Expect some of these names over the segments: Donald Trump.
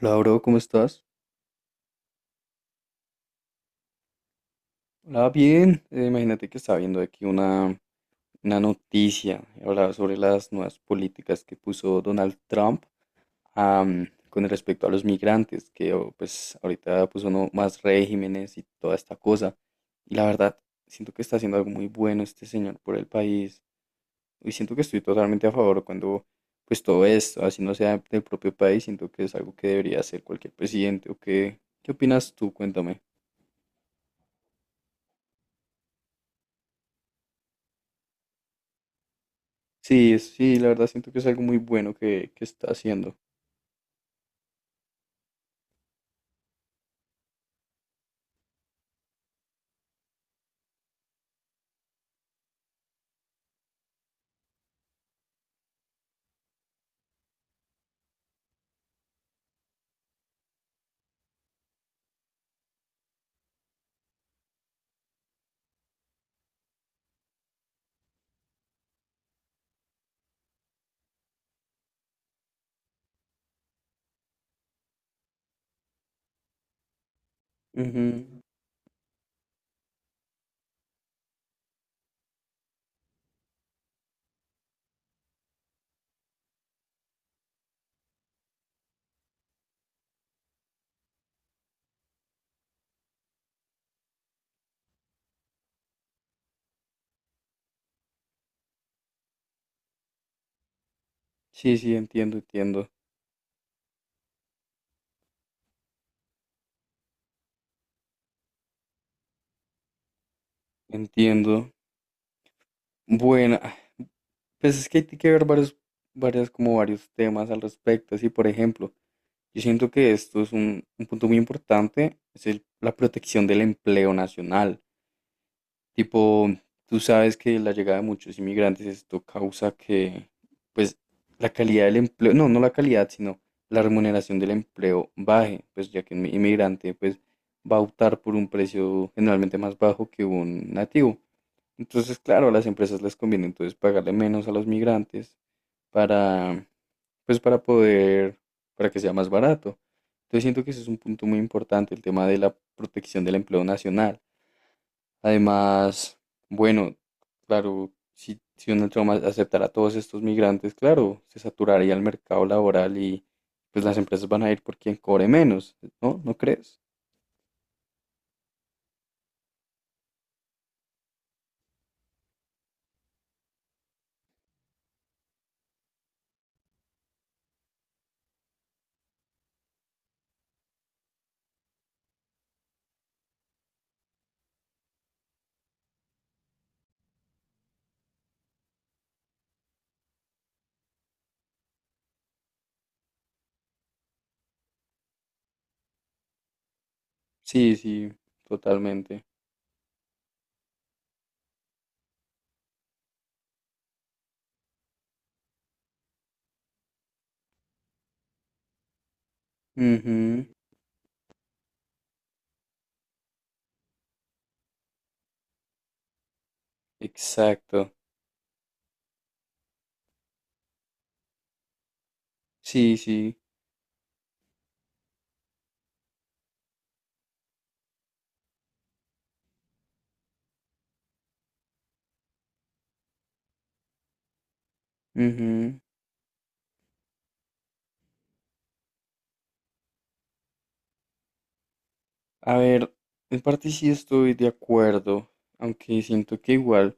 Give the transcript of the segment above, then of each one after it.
Hola, bro, ¿cómo estás? Hola, bien. Imagínate que estaba viendo aquí una noticia. Hablaba sobre las nuevas políticas que puso Donald Trump con respecto a los migrantes, que pues ahorita puso no- más regímenes y toda esta cosa. Y la verdad, siento que está haciendo algo muy bueno este señor por el país. Y siento que estoy totalmente a favor cuando pues todo esto, así no sea del propio país, siento que es algo que debería hacer cualquier presidente. ¿O qué opinas tú? Cuéntame. Sí, sí, la verdad siento que es algo muy bueno que está haciendo. Ujú. Sí, sí, entiendo, entiendo, entiendo. Bueno, pues es que hay que ver varias, como varios temas al respecto. Así, por ejemplo, yo siento que esto es un punto muy importante, es la protección del empleo nacional. Tipo, tú sabes que la llegada de muchos inmigrantes, esto causa que, pues, la calidad del empleo, no, no la calidad, sino la remuneración del empleo baje, pues ya que un inmigrante, pues, va a optar por un precio generalmente más bajo que un nativo. Entonces, claro, a las empresas les conviene entonces pagarle menos a los migrantes para, pues, para poder, para que sea más barato. Entonces, siento que ese es un punto muy importante, el tema de la protección del empleo nacional. Además, bueno, claro, si Donald Trump aceptara a todos estos migrantes, claro, se saturaría el mercado laboral y pues las empresas van a ir por quien cobre menos, ¿no? ¿No crees? Sí, sí, totalmente. Ujú, exacto. Sí, sí. Ujú. A ver, en parte sí estoy de acuerdo, aunque siento que igual,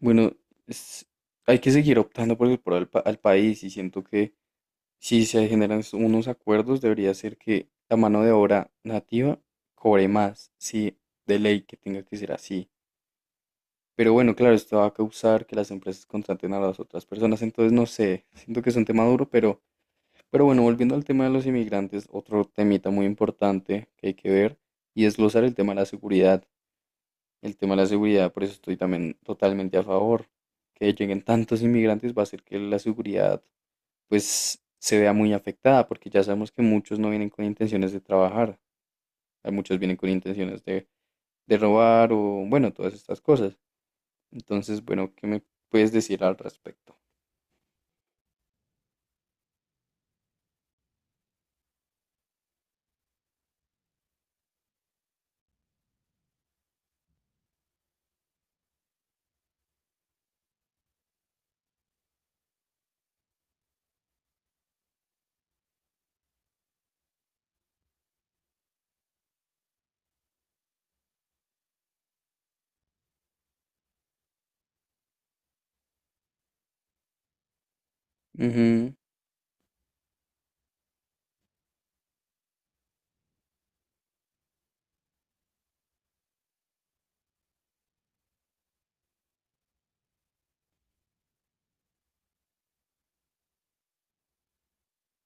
bueno, es- hay que seguir optando por el pro pa- al país y siento que si se generan unos acuerdos, debería ser que la mano de obra nativa cobre más, sí, de ley que tenga que ser así. Pero bueno, claro, esto va a causar que las empresas contraten a las otras personas, entonces no sé, siento que es un tema duro, pero bueno, volviendo al tema de los inmigrantes, otro temita muy importante que hay que ver y desglosar el tema de la seguridad. El tema de la seguridad, por eso estoy también totalmente a favor. Que lleguen tantos inmigrantes va a hacer que la seguridad pues se vea muy afectada, porque ya sabemos que muchos no vienen con intenciones de trabajar, hay muchos vienen con intenciones de robar o bueno, todas estas cosas. Entonces, bueno, ¿qué me puedes decir al respecto? Ujú,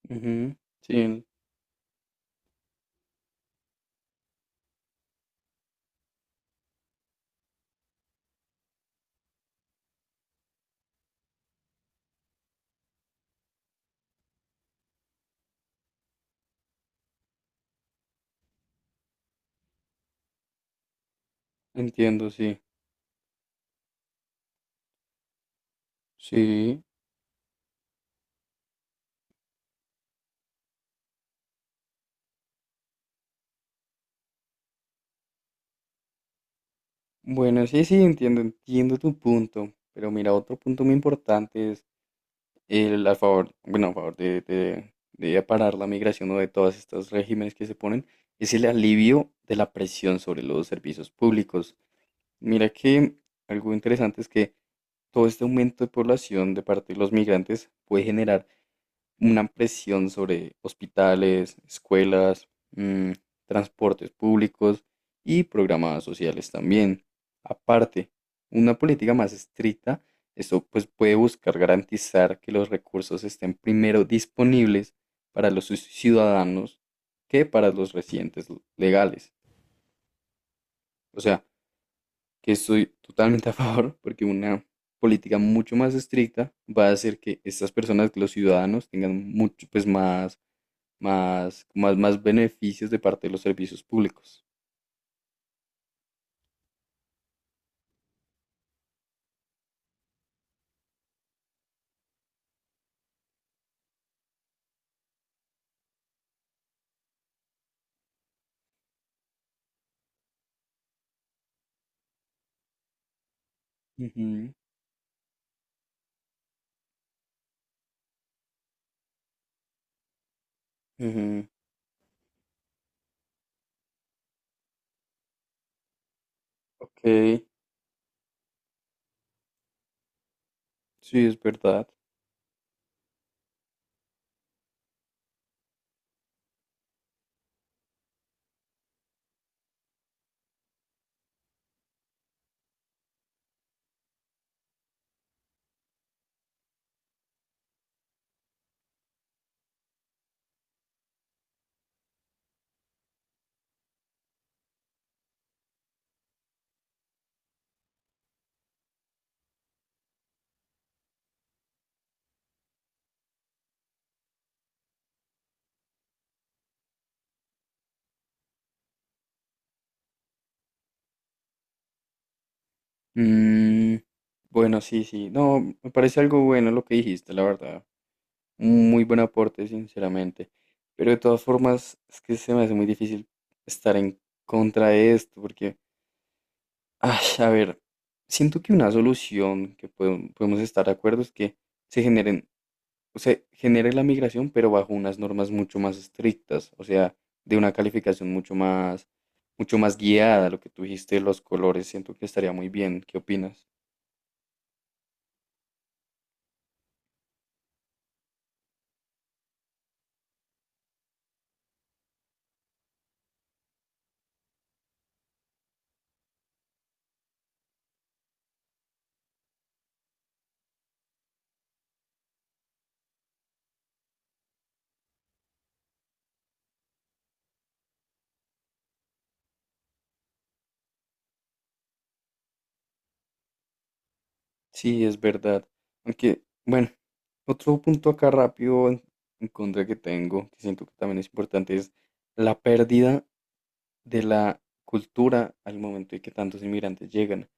ujú, sí, entiendo, sí, sí. Bueno, sí, sí, entiendo, entiendo tu punto, pero mira, otro punto muy importante es a favor, bueno, a favor de parar la migración o de todos estos regímenes que se ponen, es el alivio de la presión sobre los servicios públicos. Mira que algo interesante es que todo este aumento de población de parte de los migrantes puede generar una presión sobre hospitales, escuelas, transportes públicos y programas sociales también. Aparte, una política más estricta, eso pues puede buscar garantizar que los recursos estén primero disponibles para los ciudadanos que para los residentes legales. O sea, que estoy totalmente a favor porque una política mucho más estricta va a hacer que estas personas, que los ciudadanos, tengan mucho pues más más beneficios de parte de los servicios públicos. Ujú. Ujú. Ok, sí, es verdad. Mm, bueno, sí, sí. No, me parece algo bueno lo que dijiste, la verdad. Un muy buen aporte, sinceramente. Pero de todas formas, es que se me hace muy difícil estar en contra de esto, porque, ay, a ver, siento que una solución que podemos estar de acuerdo es que se generen se genere la migración, pero bajo unas normas mucho más estrictas, o sea, de una calificación mucho mucho más guiada. Lo que tú dijiste de los colores, siento que estaría muy bien. ¿Qué opinas? Sí, es verdad. Aunque, bueno, otro punto acá rápido en contra que tengo, que siento que también es importante, es la pérdida de la cultura al momento de que tantos inmigrantes llegan.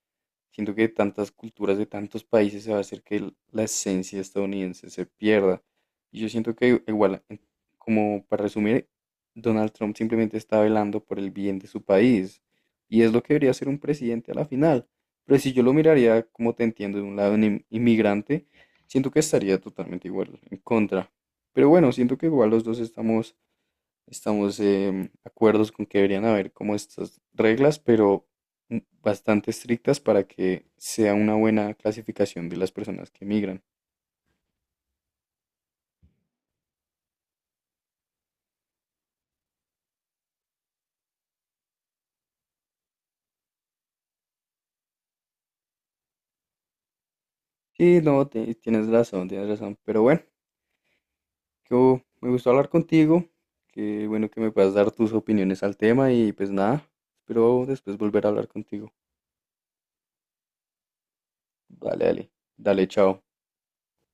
Siento que tantas culturas de tantos países se va a hacer que la esencia estadounidense se pierda. Y yo siento que igual, en- como para resumir, Donald Trump simplemente está velando por el bien de su país. Y es lo que debería hacer un presidente a la final. Pero si yo lo miraría, como te entiendo, de un lado un inmigrante, siento que estaría totalmente igual, en contra. Pero bueno, siento que igual los dos estamos acuerdos con que deberían haber como estas reglas, pero mm, bastante estrictas para que sea una buena clasificación de las personas que migran. Sí, no, tienes razón, tienes razón. Pero bueno, yo me gustó hablar contigo. Qué bueno que me puedas dar tus opiniones al tema y pues nada, espero después volver a hablar contigo. Dale, dale, dale, chao.